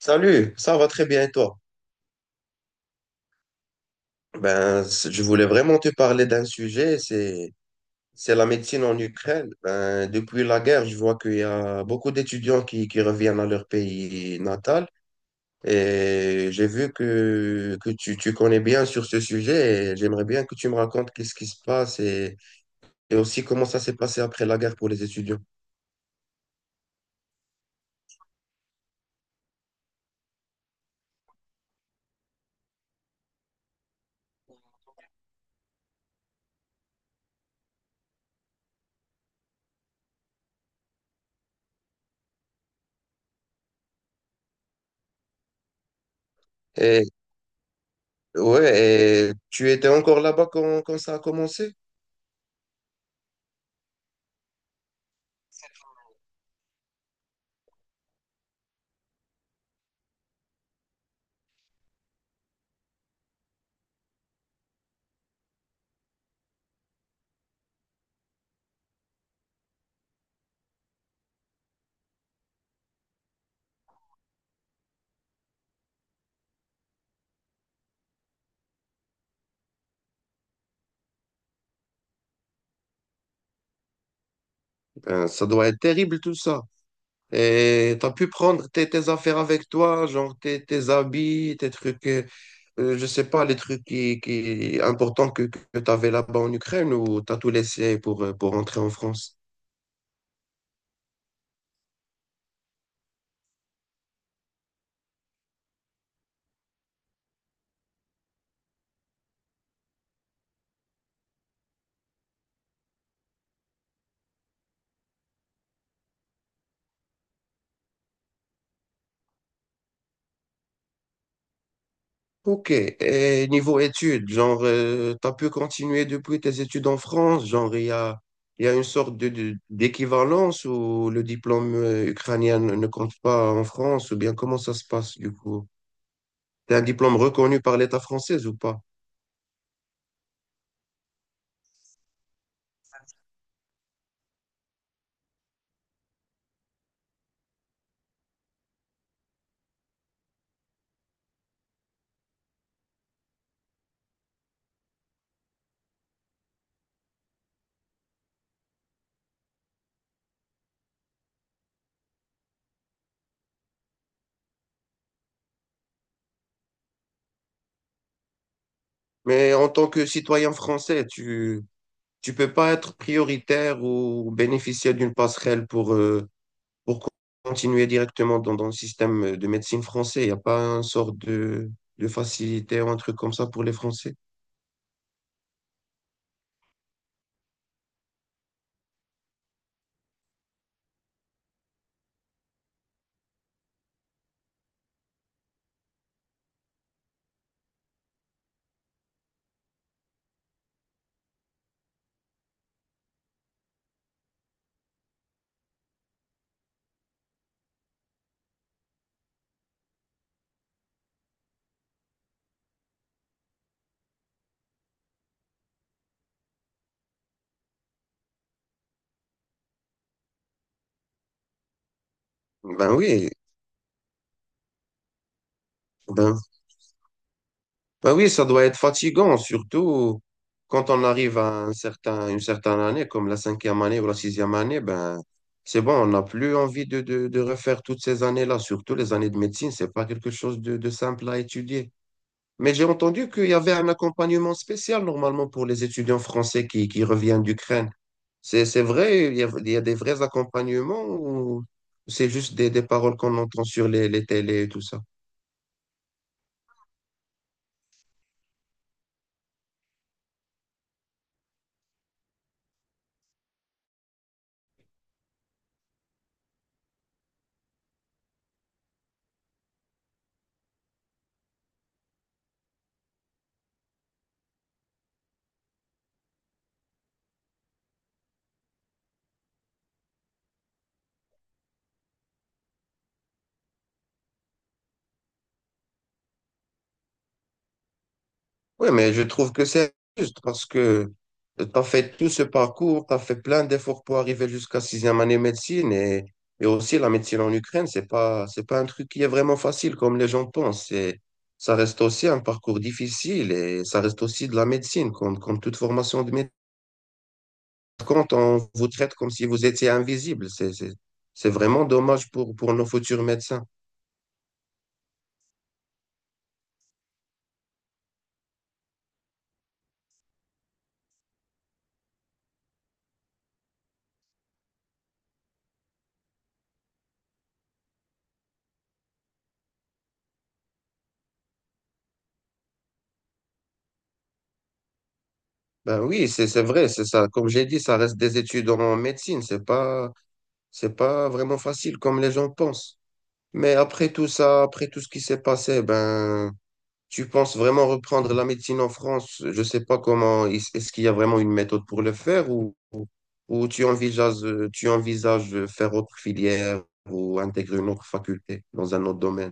Salut, ça va très bien et toi? Ben, je voulais vraiment te parler d'un sujet, c'est la médecine en Ukraine. Ben, depuis la guerre, je vois qu'il y a beaucoup d'étudiants qui reviennent à leur pays natal, et j'ai vu que tu connais bien sur ce sujet et j'aimerais bien que tu me racontes qu'est-ce qui se passe, et aussi comment ça s'est passé après la guerre pour les étudiants. Et ouais, et tu étais encore là-bas quand ça a commencé? Ben, ça doit être terrible tout ça. Et tu pu prendre tes affaires avec toi, genre tes habits, tes trucs, je sais pas, les trucs qui importants que t'avais là-bas en Ukraine, ou t'as tout laissé pour rentrer en France? Ok, et niveau études, genre, t'as pu continuer depuis tes études en France, genre, il y a une sorte d'équivalence où le diplôme ukrainien ne compte pas en France, ou bien comment ça se passe du coup? T'as un diplôme reconnu par l'État français ou pas? Mais en tant que citoyen français, tu peux pas être prioritaire ou bénéficier d'une passerelle pour continuer directement dans, dans le système de médecine français. Il n'y a pas un sort de facilité ou un truc comme ça pour les Français. Ben oui, ben, ben oui, ça doit être fatigant, surtout quand on arrive à un certain, une certaine année, comme la cinquième année ou la sixième année, ben c'est bon, on n'a plus envie de refaire toutes ces années-là, surtout les années de médecine, c'est pas quelque chose de simple à étudier. Mais j'ai entendu qu'il y avait un accompagnement spécial normalement pour les étudiants français qui reviennent d'Ukraine. C'est vrai, il y a des vrais accompagnements, ou c'est juste des paroles qu'on entend sur les télés et tout ça? Oui, mais je trouve que c'est juste parce que tu as fait tout ce parcours, tu as fait plein d'efforts pour arriver jusqu'à sixième année médecine, et aussi la médecine en Ukraine, c'est pas un truc qui est vraiment facile comme les gens pensent. C'est, ça reste aussi un parcours difficile et ça reste aussi de la médecine, comme toute formation de médecine. Quand on vous traite comme si vous étiez invisible, c'est vraiment dommage pour nos futurs médecins. Ben oui, c'est vrai, c'est ça. Comme j'ai dit, ça reste des études en médecine, c'est pas, c'est pas vraiment facile comme les gens pensent. Mais après tout ça, après tout ce qui s'est passé, ben, tu penses vraiment reprendre la médecine en France? Je sais pas comment, est-ce qu'il y a vraiment une méthode pour le faire, ou tu envisages de faire autre filière, ou intégrer une autre faculté dans un autre domaine?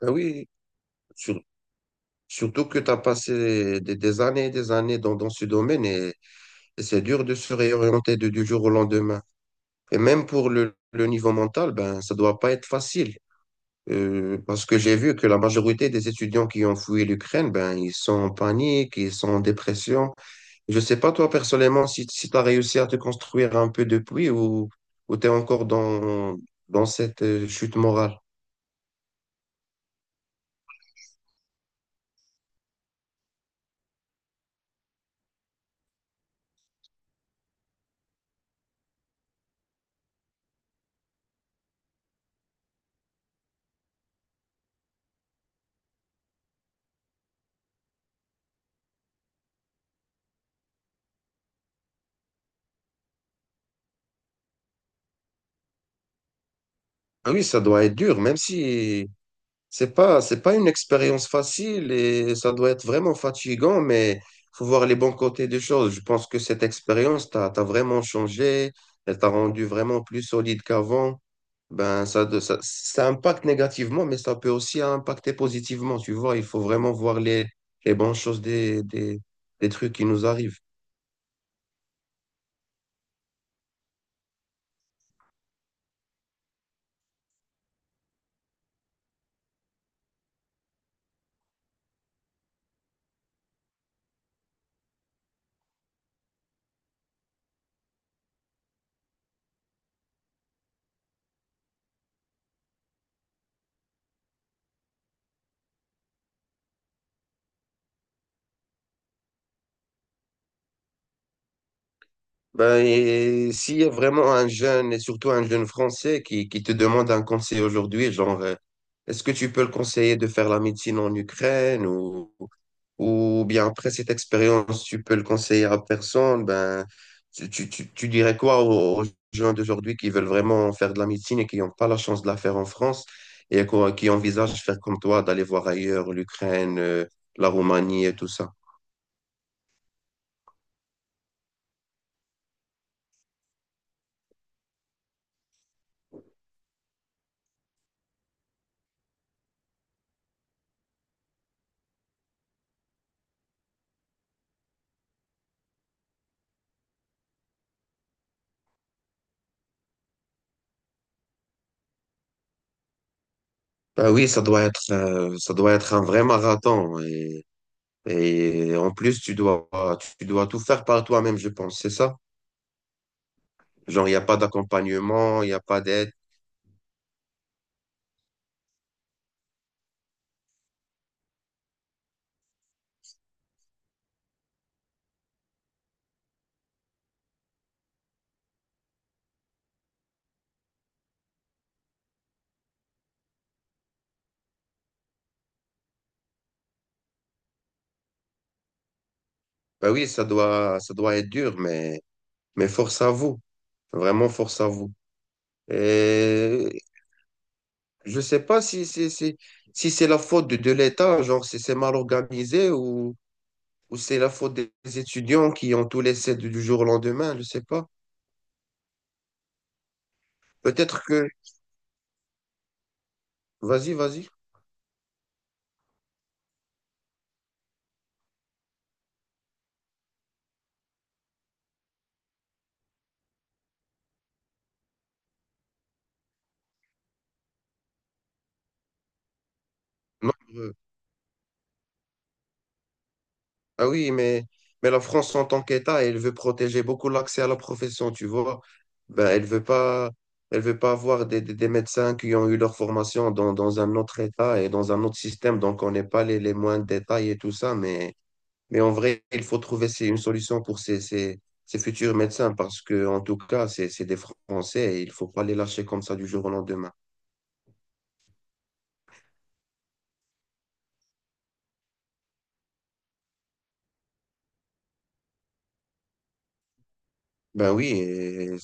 Ben oui, sur- surtout que tu as passé des années et des années dans, dans ce domaine, et c'est dur de se réorienter du jour au lendemain. Et même pour le niveau mental, ben, ça doit pas être facile. Parce que j'ai vu que la majorité des étudiants qui ont fui l'Ukraine, ben, ils sont en panique, ils sont en dépression. Je sais pas, toi, personnellement, si tu as réussi à te construire un peu depuis, ou tu es encore dans, dans cette chute morale. Ah oui, ça doit être dur, même si c'est pas, c'est pas une expérience facile et ça doit être vraiment fatigant, mais faut voir les bons côtés des choses. Je pense que cette expérience t'a vraiment changé, elle t'a rendu vraiment plus solide qu'avant. Ben, ça, ça impacte négativement, mais ça peut aussi impacter positivement. Tu vois, il faut vraiment voir les bonnes choses des trucs qui nous arrivent. Ben, et s'il y a vraiment un jeune, et surtout un jeune français, qui te demande un conseil aujourd'hui, genre, est-ce que tu peux le conseiller de faire la médecine en Ukraine, ou bien après cette expérience, tu peux le conseiller à personne, ben, tu dirais quoi aux gens d'aujourd'hui qui veulent vraiment faire de la médecine et qui n'ont pas la chance de la faire en France, et qui envisagent faire comme toi, d'aller voir ailleurs l'Ukraine, la Roumanie et tout ça? Ben oui, ça doit être un vrai marathon. Et en plus, tu dois tout faire par toi-même, je pense, c'est ça? Genre, il n'y a pas d'accompagnement, il n'y a pas d'aide. Ben oui, ça doit être dur, mais force à vous. Vraiment, force à vous. Et je sais pas si c'est la faute de l'État, genre, si c'est mal organisé, ou c'est la faute des étudiants qui ont tout laissé du jour au lendemain, je sais pas. Peut-être que... Vas-y, vas-y. Non, ah oui, mais la France en tant qu'État, elle veut protéger beaucoup l'accès à la profession, tu vois. Ben, elle veut pas avoir des médecins qui ont eu leur formation dans, dans un autre État et dans un autre système, donc on n'est pas les, les moindres détails et tout ça, mais en vrai, il faut trouver c'est une solution pour ces futurs médecins parce que, en tout cas, c'est des Français et il faut pas les lâcher comme ça du jour au lendemain. Ben oui,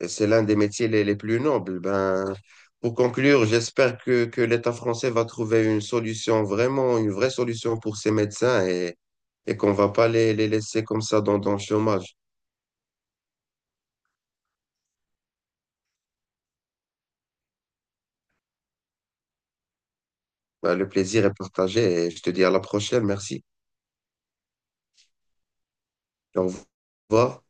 et c'est l'un des métiers les plus nobles. Ben, pour conclure, j'espère que l'État français va trouver une solution, vraiment une vraie solution pour ces médecins, et qu'on va pas les, les laisser comme ça dans, dans le chômage. Ben, le plaisir est partagé et je te dis à la prochaine. Merci. Au revoir.